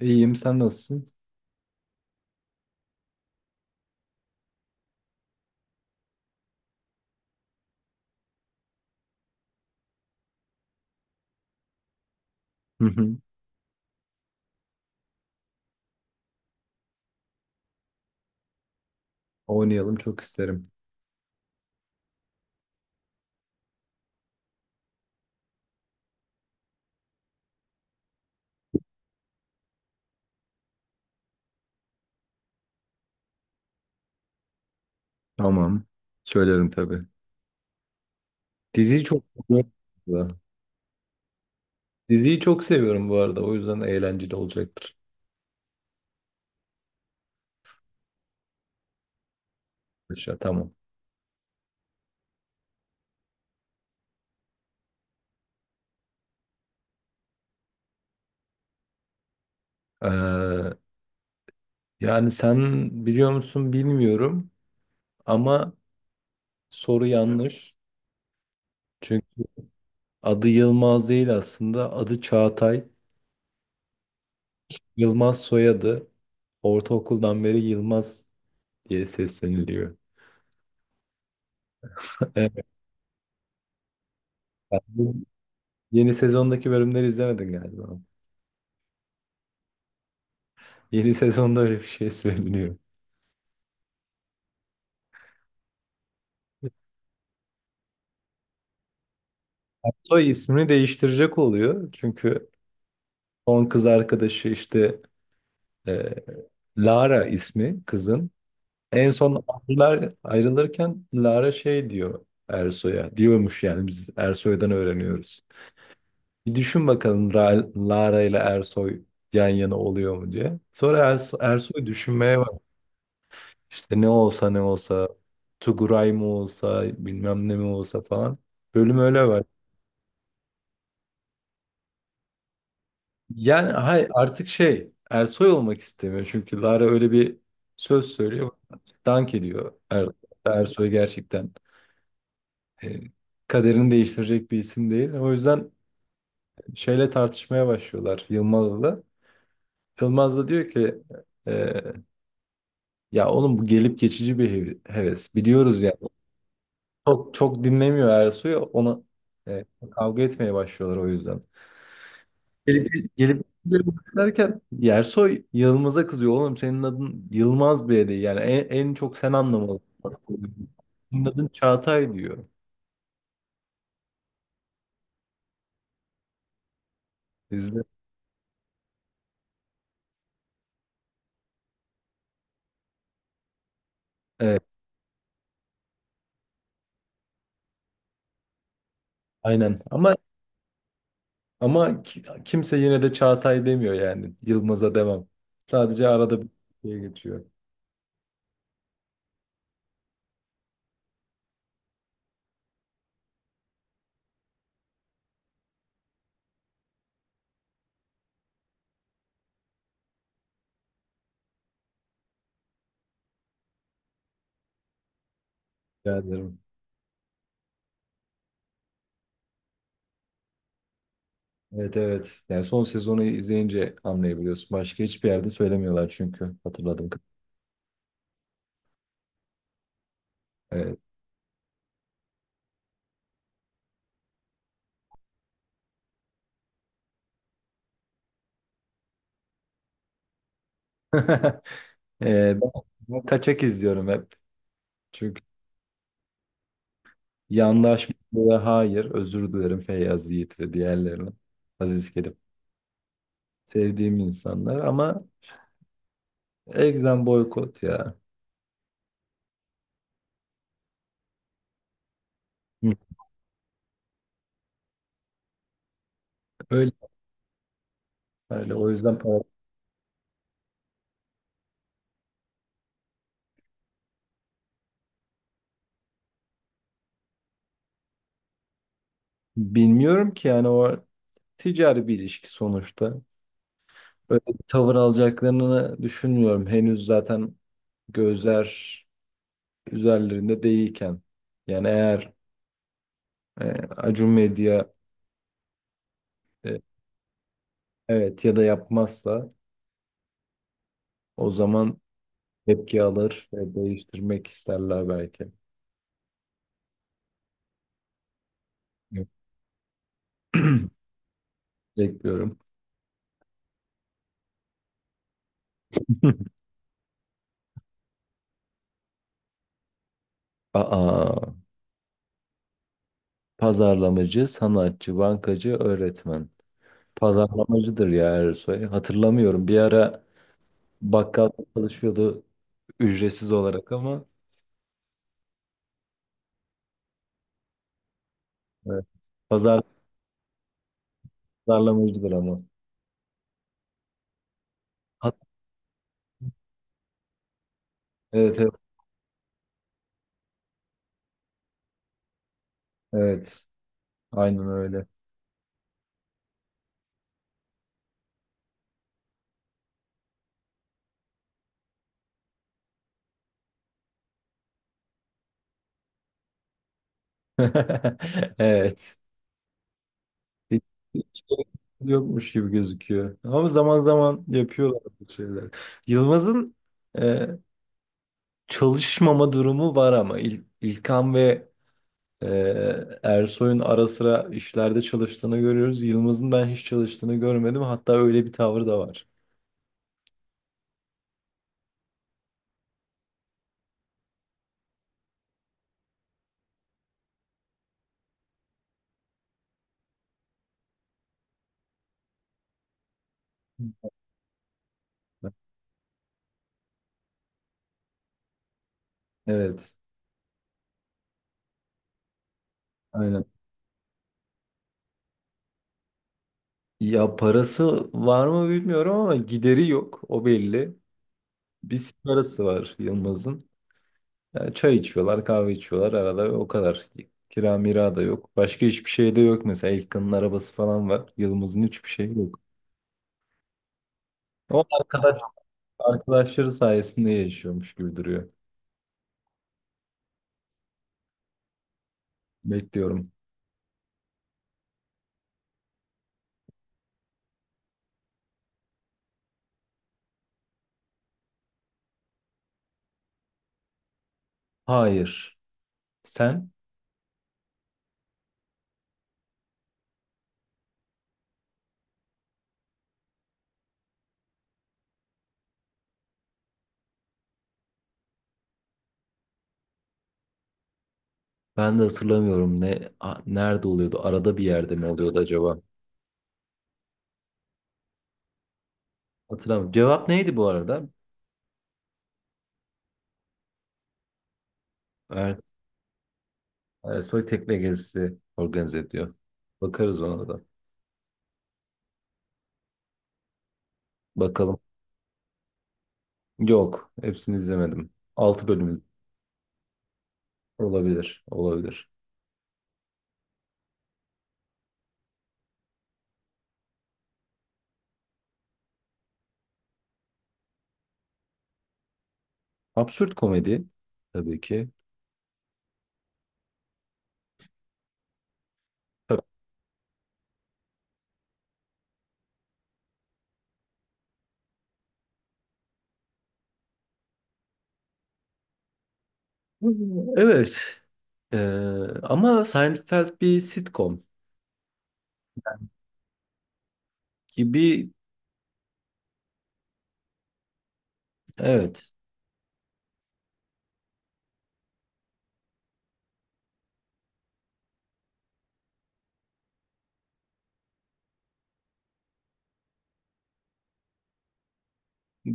İyiyim, sen nasılsın? Hı hı. Oynayalım, çok isterim. Tamam. Söylerim tabii. Diziyi çok Diziyi çok seviyorum bu arada. O yüzden eğlenceli olacaktır. Aşağı, tamam. Ee, Yani sen biliyor musun bilmiyorum ama soru yanlış. Çünkü adı Yılmaz değil aslında. Adı Çağatay. Yılmaz soyadı. Ortaokuldan beri Yılmaz diye sesleniliyor. Evet. Yeni sezondaki bölümleri izlemedin galiba. Yeni sezonda öyle bir şey söyleniyor. Soy ismini değiştirecek oluyor. Çünkü son kız arkadaşı işte e, Lara ismi kızın. En son ayrılırken Lara şey diyor Ersoy'a. Diyormuş, yani biz Ersoy'dan öğreniyoruz. Bir düşün bakalım Lara ile Ersoy yan yana oluyor mu diye. Sonra Ersoy düşünmeye bak. İşte ne olsa ne olsa Tuguray mı olsa bilmem ne mi olsa falan. Bölüm öyle. Yani hay artık şey, Ersoy olmak istemiyor çünkü Lara öyle bir söz söylüyor. Dank ediyor Ersoy gerçekten. E, Kaderini değiştirecek bir isim değil. O yüzden şeyle tartışmaya başlıyorlar Yılmaz'la. Yılmaz da diyor ki, e, ya oğlum bu gelip geçici bir heves. Biliyoruz yani. Çok çok dinlemiyor Ersoy'u, ona e, kavga etmeye başlıyorlar o yüzden. Gelip gelip derken Yersoy Yılmaz'a kızıyor. Oğlum senin adın Yılmaz bile değil. Yani en çok sen anlamalısın. Senin adın Çağatay diyor. Bizde. Evet, aynen. Ama kimse yine de Çağatay demiyor yani. Yılmaz'a devam. Sadece arada bir şey geçiyor. Rica ederim. Evet, evet. Yani son sezonu izleyince anlayabiliyorsun. Başka hiçbir yerde söylemiyorlar çünkü hatırladım. Evet. Ben kaçak izliyorum hep. Çünkü yandaşmaya hayır, özür dilerim Feyyaz Yiğit ve diğerlerine. Aziz Kerim. Sevdiğim insanlar ama egzem boykot ya. Hı. Öyle, öyle. O yüzden bilmiyorum ki, yani o ticari bir ilişki sonuçta. Öyle bir tavır alacaklarını düşünmüyorum. Henüz zaten gözler üzerlerinde değilken. Yani eğer e, Acun Medya e, evet ya da yapmazsa o zaman tepki alır ve değiştirmek isterler belki. Bekliyorum. Aa, pazarlamacı, sanatçı, bankacı, öğretmen. Pazarlamacıdır ya Ersoy. Hatırlamıyorum. Bir ara bakkal çalışıyordu, ücretsiz olarak ama evet. Pazar, Pazarlamacıdır ama. Hat- evet, evet. Aynen öyle. Evet. Hiç, Hiç gerek yokmuş gibi gözüküyor. Ama zaman zaman yapıyorlar bu şeyler. Yılmaz'ın e, çalışmama durumu var ama İlkan ve Ee, Ersoy'un ara sıra işlerde çalıştığını görüyoruz. Yılmaz'ın ben hiç çalıştığını görmedim. Hatta öyle bir tavrı da var. Evet, aynen. Ya parası var mı bilmiyorum ama gideri yok. O belli. Bir parası var Yılmaz'ın. Yani çay içiyorlar, kahve içiyorlar arada, o kadar. Kira mira da yok. Başka hiçbir şey de yok mesela. İlkan'ın arabası falan var. Yılmaz'ın hiçbir şey yok. O arkadaş, Arkadaşları sayesinde yaşıyormuş gibi duruyor. Bekliyorum. Hayır. Sen? Ben de hatırlamıyorum, ne nerede oluyordu? Arada bir yerde mi oluyordu acaba? Hatırlamıyorum. Cevap neydi bu arada? Er, Ersoy tekne gezisi organize ediyor. Bakarız ona da. Bakalım. Yok. Hepsini izlemedim. 6 bölüm olabilir. Olabilir. Absürt komedi tabii ki. Tabii. Evet. Ee, Ama Seinfeld bir sitcom gibi. Evet,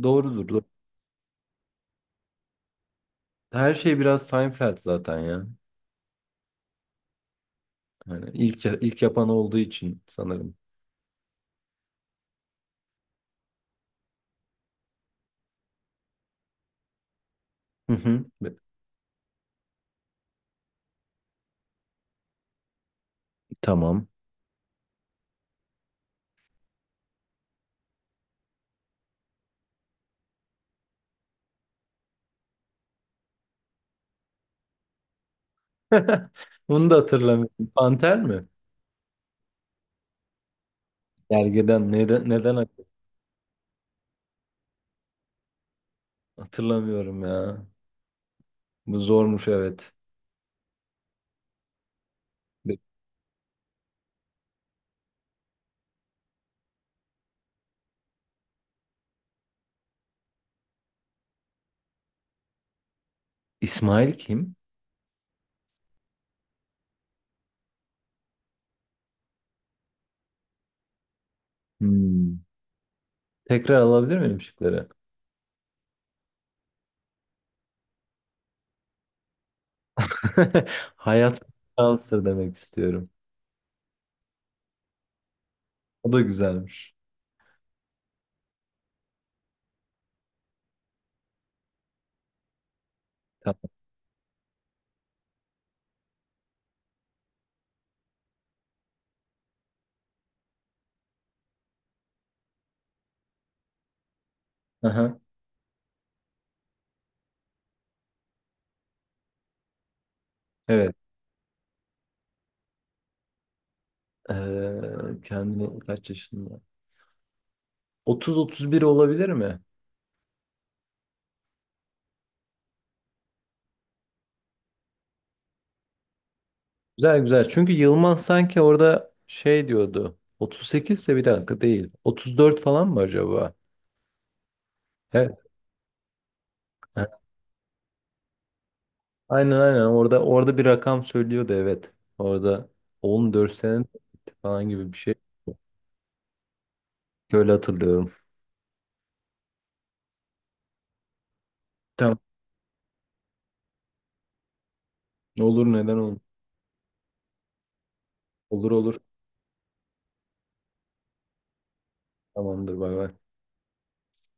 doğrudur, doğru. Her şey biraz Seinfeld zaten ya. Yani ilk yapan olduğu için sanırım. Hı hı. Tamam. Bunu da hatırlamıyorum. Panter mi? Gergeden, neden hatırlamıyorum ya. Bu zormuş evet. Be- İsmail kim? Hmm. Tekrar alabilir miyim şıkları? Hayat şanstır demek istiyorum. O da güzelmiş. Tamam. Aha, evet. Kendini kaç yaşında? 30-31 olabilir mi? Güzel, güzel. Çünkü Yılmaz sanki orada şey diyordu. 38 ise bir dakika değil. 34 falan mı acaba? Evet. Ha, aynen aynen. Orada bir rakam söylüyordu evet. Orada 14 sene falan gibi bir şey. Öyle hatırlıyorum. Tamam. Olur, neden olur. Olur, olur. Tamamdır, bay bay.